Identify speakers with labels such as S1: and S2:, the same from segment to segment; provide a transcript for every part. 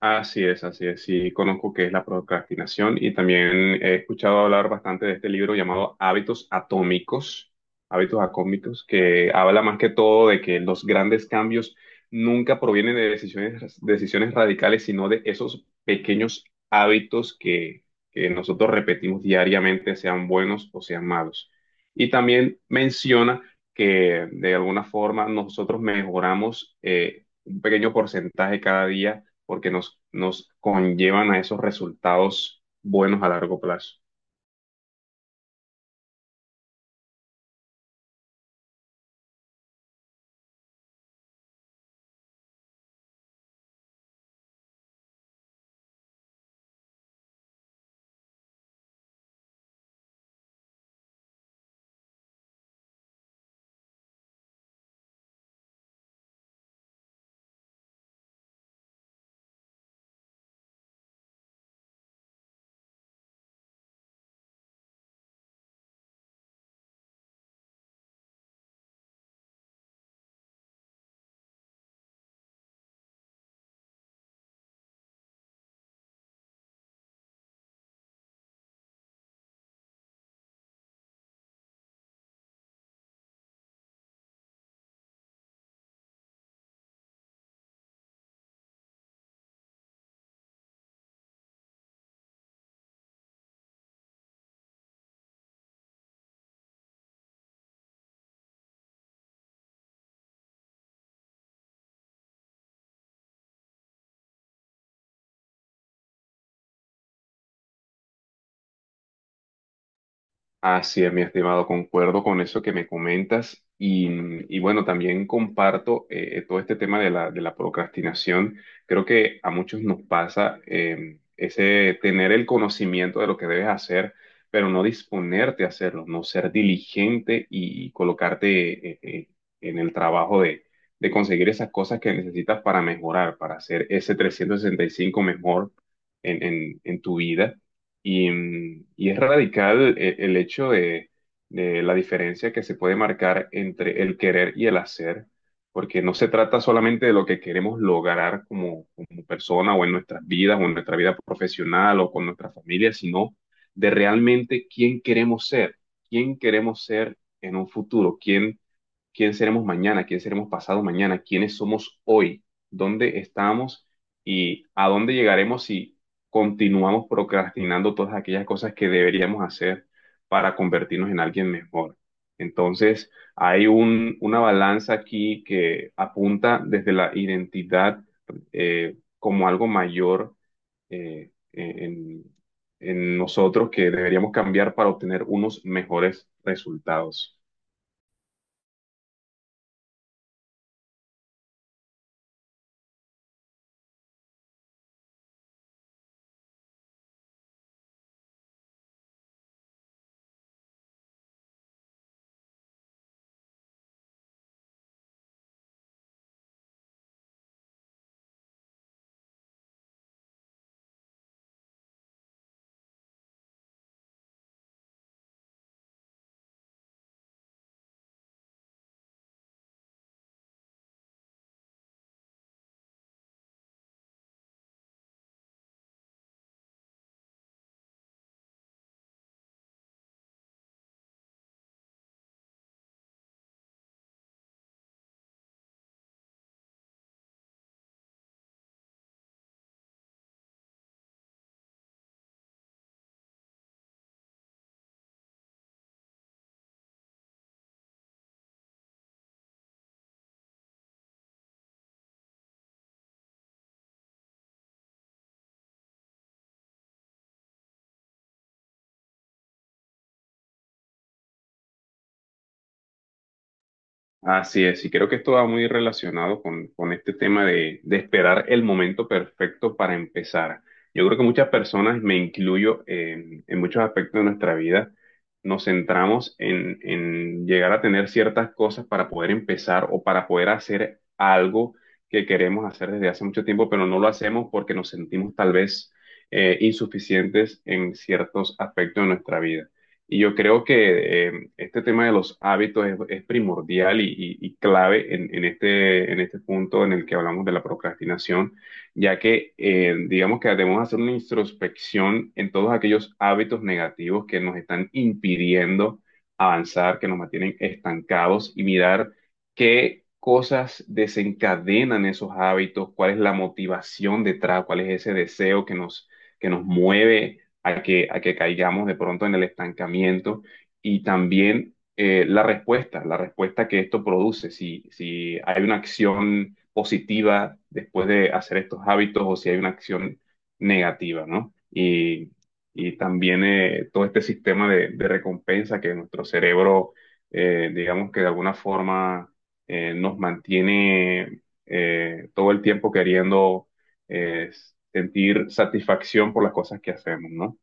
S1: Así es, así es. Sí, conozco qué es la procrastinación y también he escuchado hablar bastante de este libro llamado Hábitos Atómicos, Hábitos Atómicos, que habla más que todo de que los grandes cambios nunca provienen de decisiones radicales, sino de esos pequeños hábitos que nosotros repetimos diariamente, sean buenos o sean malos. Y también menciona que de alguna forma nosotros mejoramos un pequeño porcentaje cada día porque nos conllevan a esos resultados buenos a largo plazo. Así es, mi estimado, concuerdo con eso que me comentas y bueno, también comparto todo este tema de la procrastinación. Creo que a muchos nos pasa ese tener el conocimiento de lo que debes hacer, pero no disponerte a hacerlo, no ser diligente y colocarte en el trabajo de conseguir esas cosas que necesitas para mejorar, para hacer ese 365 mejor en en tu vida. Y, y es radical el hecho de la diferencia que se puede marcar entre el querer y el hacer, porque no se trata solamente de lo que queremos lograr como, como persona o en nuestras vidas o en nuestra vida profesional o con nuestra familia, sino de realmente quién queremos ser en un futuro, quién quién seremos mañana, quién seremos pasado mañana, quiénes somos hoy, dónde estamos y a dónde llegaremos si continuamos procrastinando todas aquellas cosas que deberíamos hacer para convertirnos en alguien mejor. Entonces, hay un, una balanza aquí que apunta desde la identidad como algo mayor eh, eh, en, en nosotros que deberíamos cambiar para obtener unos mejores resultados. Así es, y creo que esto va muy relacionado con este tema de esperar el momento perfecto para empezar. Yo creo que muchas personas, me incluyo en muchos aspectos de nuestra vida, nos centramos en llegar a tener ciertas cosas para poder empezar o para poder hacer algo que queremos hacer desde hace mucho tiempo, pero no lo hacemos porque nos sentimos tal vez insuficientes en ciertos aspectos de nuestra vida. Y yo creo que este tema de los hábitos es primordial y clave en este punto en el que hablamos de la procrastinación, ya que digamos que debemos hacer una introspección en todos aquellos hábitos negativos que nos están impidiendo avanzar, que nos mantienen estancados y mirar qué cosas desencadenan esos hábitos, cuál es la motivación detrás, cuál es ese deseo que nos mueve a a que caigamos de pronto en el estancamiento y también la respuesta que esto produce, si, si hay una acción positiva después de hacer estos hábitos o si hay una acción negativa, ¿no? Y también todo este sistema de recompensa que nuestro cerebro, digamos que de alguna forma nos mantiene todo el tiempo queriendo eh, sentir satisfacción por las cosas que hacemos, ¿no?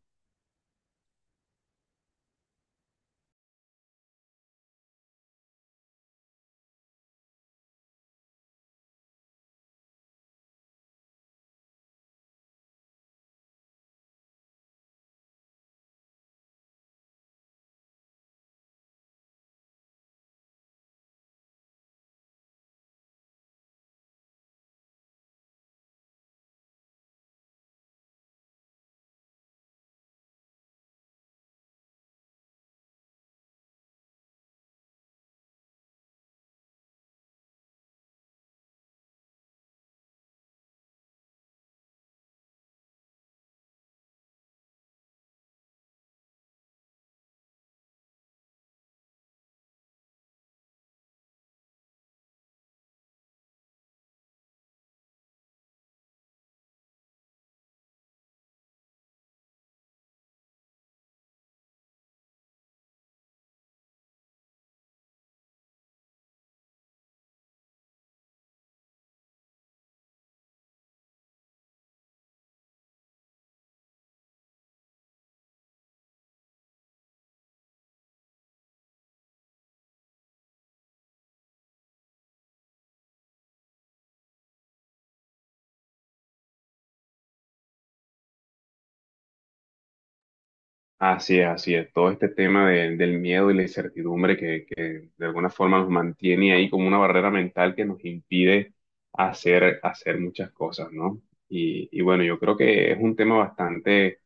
S1: Así es, así es. Todo este tema de- del miedo y la incertidumbre que de alguna forma nos mantiene ahí como una barrera mental que nos impide hacer, hacer muchas cosas, ¿no? Y bueno, yo creo que es un tema bastante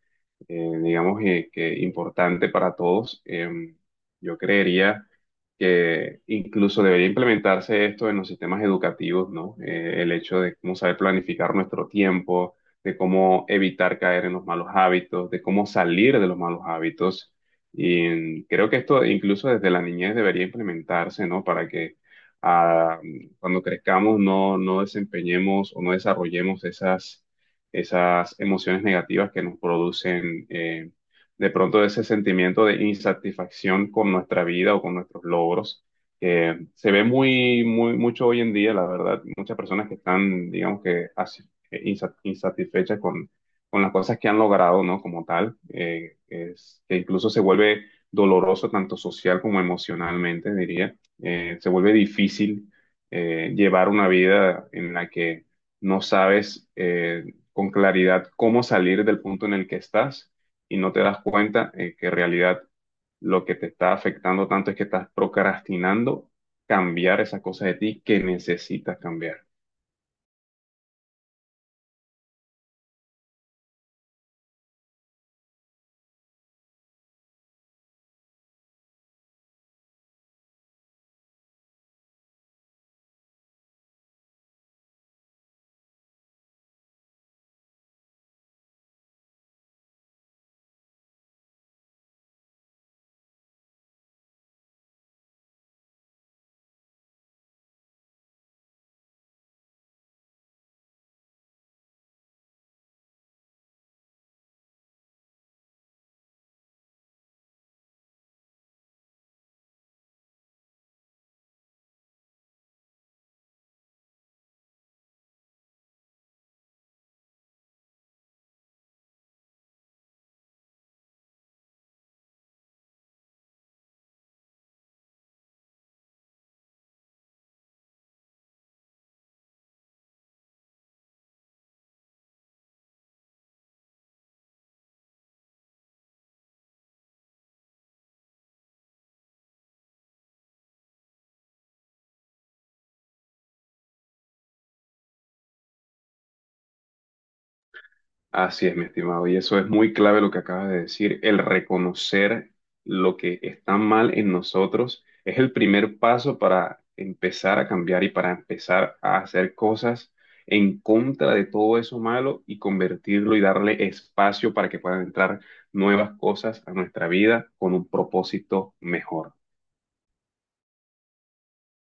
S1: digamos que importante para todos. Yo creería que incluso debería implementarse esto en los sistemas educativos, ¿no? El hecho de cómo saber planificar nuestro tiempo, de cómo evitar caer en los malos hábitos, de cómo salir de los malos hábitos. Y creo que esto incluso desde la niñez debería implementarse, ¿no? Para que ah, cuando crezcamos no desempeñemos o no desarrollemos esas esas emociones negativas que nos producen de pronto ese sentimiento de insatisfacción con nuestra vida o con nuestros logros, que se ve muy, muy, mucho hoy en día, la verdad, muchas personas que están, digamos que, insatisfechas con las cosas que han logrado, ¿no? Como tal, que incluso se vuelve doloroso tanto social como emocionalmente, diría. Se vuelve difícil llevar una vida en la que no sabes con claridad cómo salir del punto en el que estás y no te das cuenta que en realidad lo que te está afectando tanto es que estás procrastinando cambiar esa cosa de ti que necesitas cambiar. Así es, mi estimado, y eso es muy clave lo que acabas de decir. El reconocer lo que está mal en nosotros es el primer paso para empezar a cambiar y para empezar a hacer cosas en contra de todo eso malo y convertirlo y darle espacio para que puedan entrar nuevas cosas a nuestra vida con un propósito mejor.